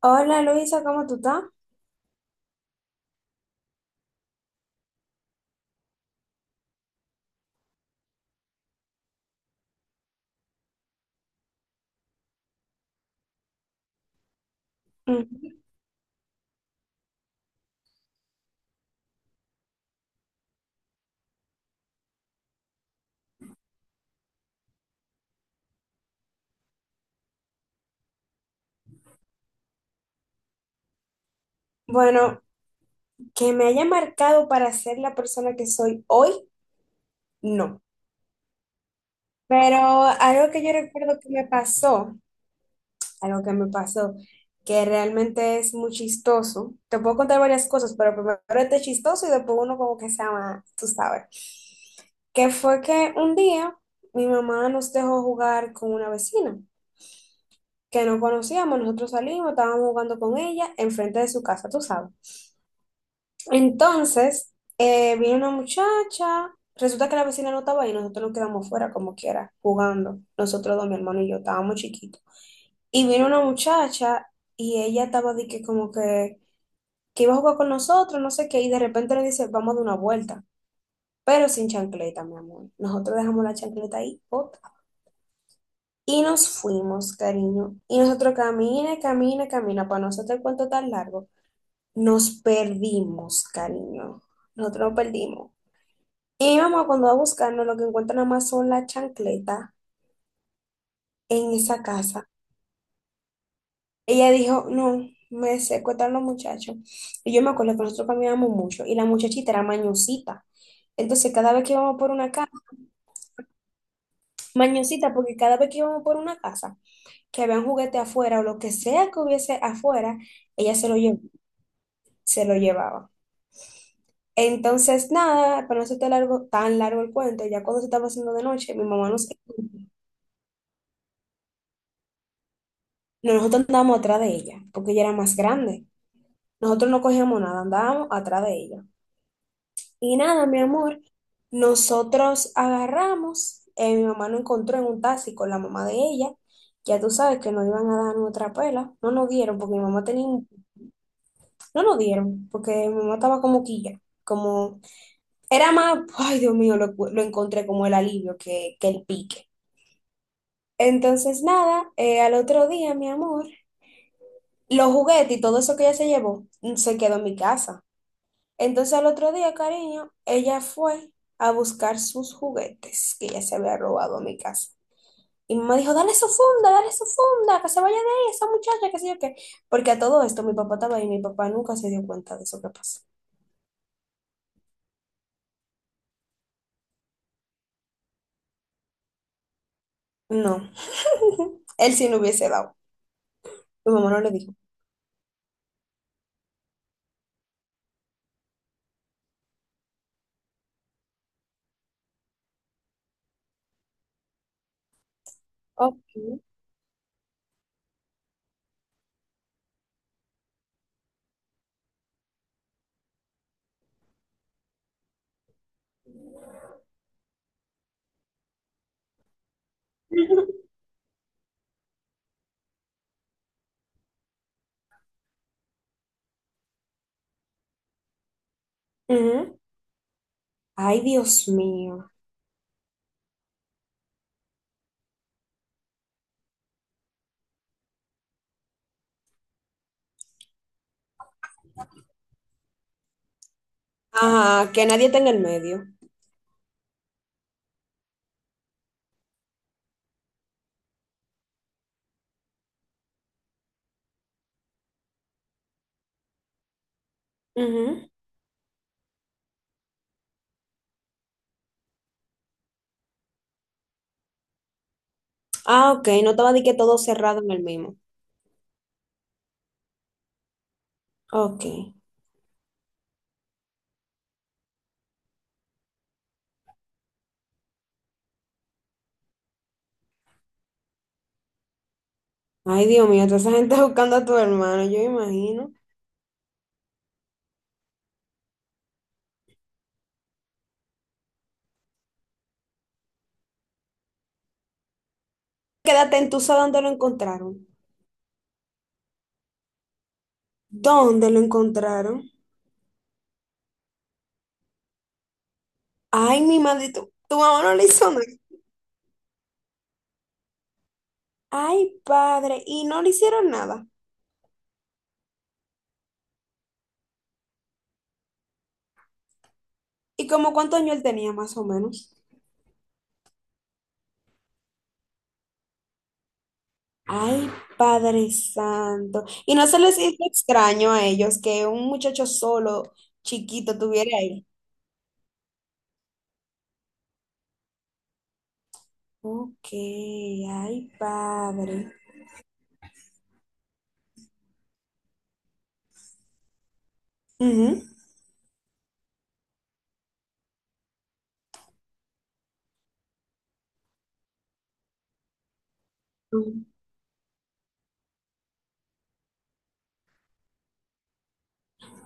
Hola Luisa, ¿cómo tú estás? Mm, bueno, que me haya marcado para ser la persona que soy hoy, no. Pero algo que yo recuerdo que me pasó, algo que me pasó, que realmente es muy chistoso. Te puedo contar varias cosas, pero primero este chistoso y después uno como que se llama, tú sabes. Que fue que un día mi mamá nos dejó jugar con una vecina que no conocíamos, nosotros salimos, estábamos jugando con ella enfrente de su casa, tú sabes. Entonces, vino una muchacha, resulta que la vecina no estaba ahí, nosotros nos quedamos fuera como quiera, jugando. Nosotros dos, mi hermano y yo, estábamos chiquitos. Y vino una muchacha y ella estaba de que como que iba a jugar con nosotros, no sé qué, y de repente le dice, vamos a dar una vuelta, pero sin chancleta, mi amor. Nosotros dejamos la chancleta ahí, otra. Y nos fuimos, cariño. Y nosotros camina, camina, camina, para nosotros el cuento tan largo. Nos perdimos, cariño. Nosotros nos perdimos. Y mi mamá cuando va buscando lo que encuentra nada más son las chancletas en esa casa. Ella dijo, no, me secuestran los muchachos. Y yo me acuerdo que nosotros caminábamos mucho y la muchachita era mañosita. Entonces cada vez que íbamos por una casa, mañosita, porque cada vez que íbamos por una casa, que había un juguete afuera o lo que sea que hubiese afuera, ella se lo llevó, se lo llevaba. Entonces, nada, para no hacerte largo, tan largo el cuento, ya cuando se estaba haciendo de noche, mi mamá nos... Nosotros andábamos atrás de ella, porque ella era más grande. Nosotros no cogíamos nada, andábamos atrás de ella. Y nada, mi amor, nosotros agarramos, mi mamá nos encontró en un taxi con la mamá de ella. Ya tú sabes que nos iban a dar nuestra pela. No nos dieron porque mi mamá tenía, no nos dieron porque mi mamá estaba como quilla, como era más, ay Dios mío, lo encontré como el alivio que el pique. Entonces nada, al otro día, mi amor, los juguetes y todo eso que ella se llevó se quedó en mi casa. Entonces al otro día, cariño, ella fue a buscar sus juguetes que ella se había robado a mi casa. Y mi mamá dijo, dale su funda, que se vaya de ahí esa muchacha, que sé yo qué. Porque a todo esto mi papá estaba ahí y mi papá nunca se dio cuenta de eso que pasó. No, él sí no hubiese dado. Mi mamá no le dijo. Ok. Ujú. Ay, Dios mío. Ajá, que nadie está en el medio. Ujú. Ah, ok, no estaba de que todo cerrado en el mismo. Ok. Ay, Dios mío, toda esa gente buscando a tu hermano, yo imagino. Quédate en tu dónde lo encontraron. ¿Dónde lo encontraron? Ay, mi madre, tu mamá no le hizo nada. Ay, padre, y no le hicieron nada. ¿Y como cuántos años él tenía, más o menos? Ay, Padre Santo. ¿Y no se les hizo extraño a ellos que un muchacho solo, chiquito, tuviera ahí? Ok, ay, padre. Ujú.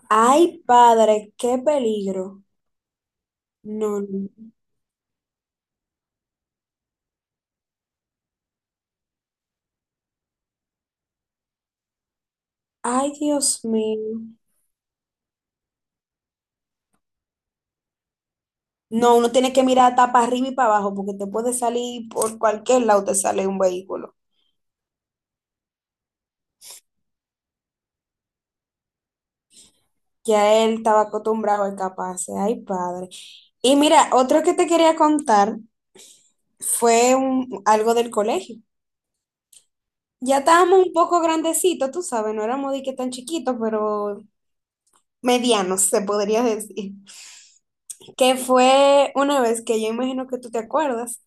Ay, padre, qué peligro. No, no. No. Ay, Dios mío. No, uno tiene que mirar tapa arriba y para abajo porque te puede salir por cualquier lado, te sale un vehículo. Ya él estaba acostumbrado a escaparse. Ay, padre. Y mira, otro que te quería contar fue algo del colegio. Ya estábamos un poco grandecitos, tú sabes, no éramos de que tan chiquitos, pero medianos, se podría decir. Que fue una vez que yo imagino que tú te acuerdas,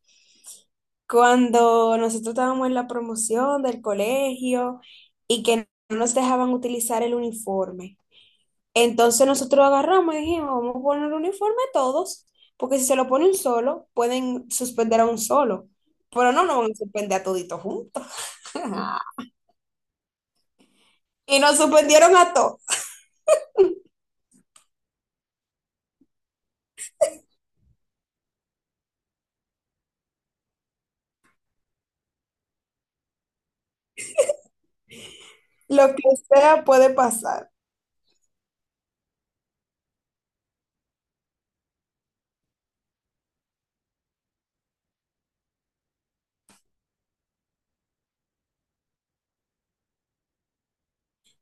cuando nosotros estábamos en la promoción del colegio y que no nos dejaban utilizar el uniforme. Entonces nosotros agarramos y dijimos, vamos a poner el uniforme a todos, porque si se lo pone un solo, pueden suspender a un solo, pero no nos van a suspender a toditos juntos. Y nos suspendieron a todos. Lo que sea puede pasar.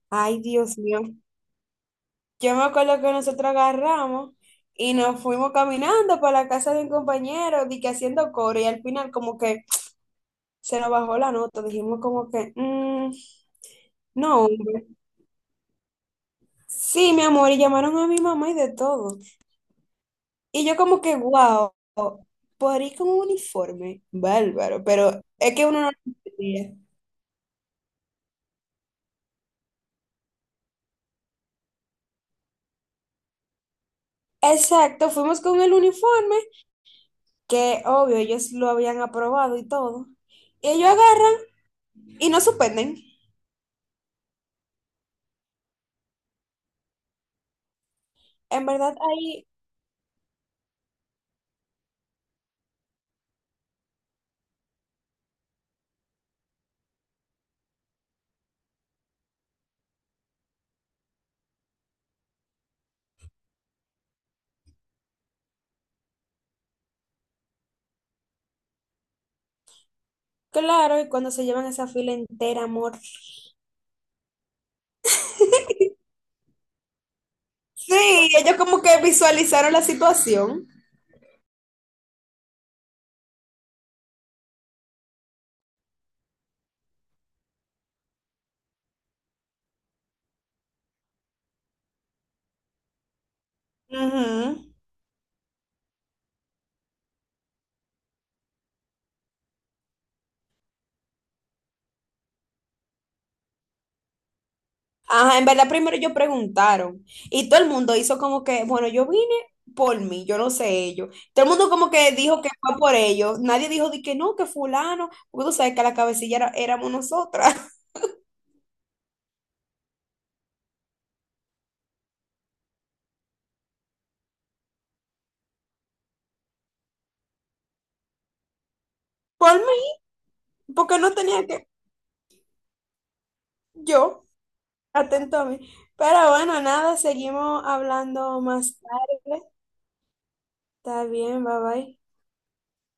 Ay, Dios mío. Yo me acuerdo que nosotros agarramos y nos fuimos caminando para la casa de un compañero, di que haciendo coro, y al final como que se nos bajó la nota, dijimos como que, "Mm, no, hombre". Sí, mi amor, y llamaron a mi mamá y de todo. Y yo como que, wow, por ir con un uniforme, bárbaro, pero es que uno no lo entendía. Exacto, fuimos con el uniforme, que obvio ellos lo habían aprobado y todo. Y ellos agarran y nos suspenden. En verdad, ahí claro, y cuando se llevan esa fila entera, amor. Sí, ellos como que visualizaron la situación. Ujú. Ajá, en verdad primero ellos preguntaron y todo el mundo hizo como que, bueno, yo vine por mí, yo no sé ellos. Todo el mundo como que dijo que fue por ellos. Nadie dijo de que no, que fulano, porque tú sabes que la cabecilla éramos nosotras. Por mí, porque no tenía que yo. Atento a mí. Pero bueno, nada, seguimos hablando más tarde. Está bien, bye bye.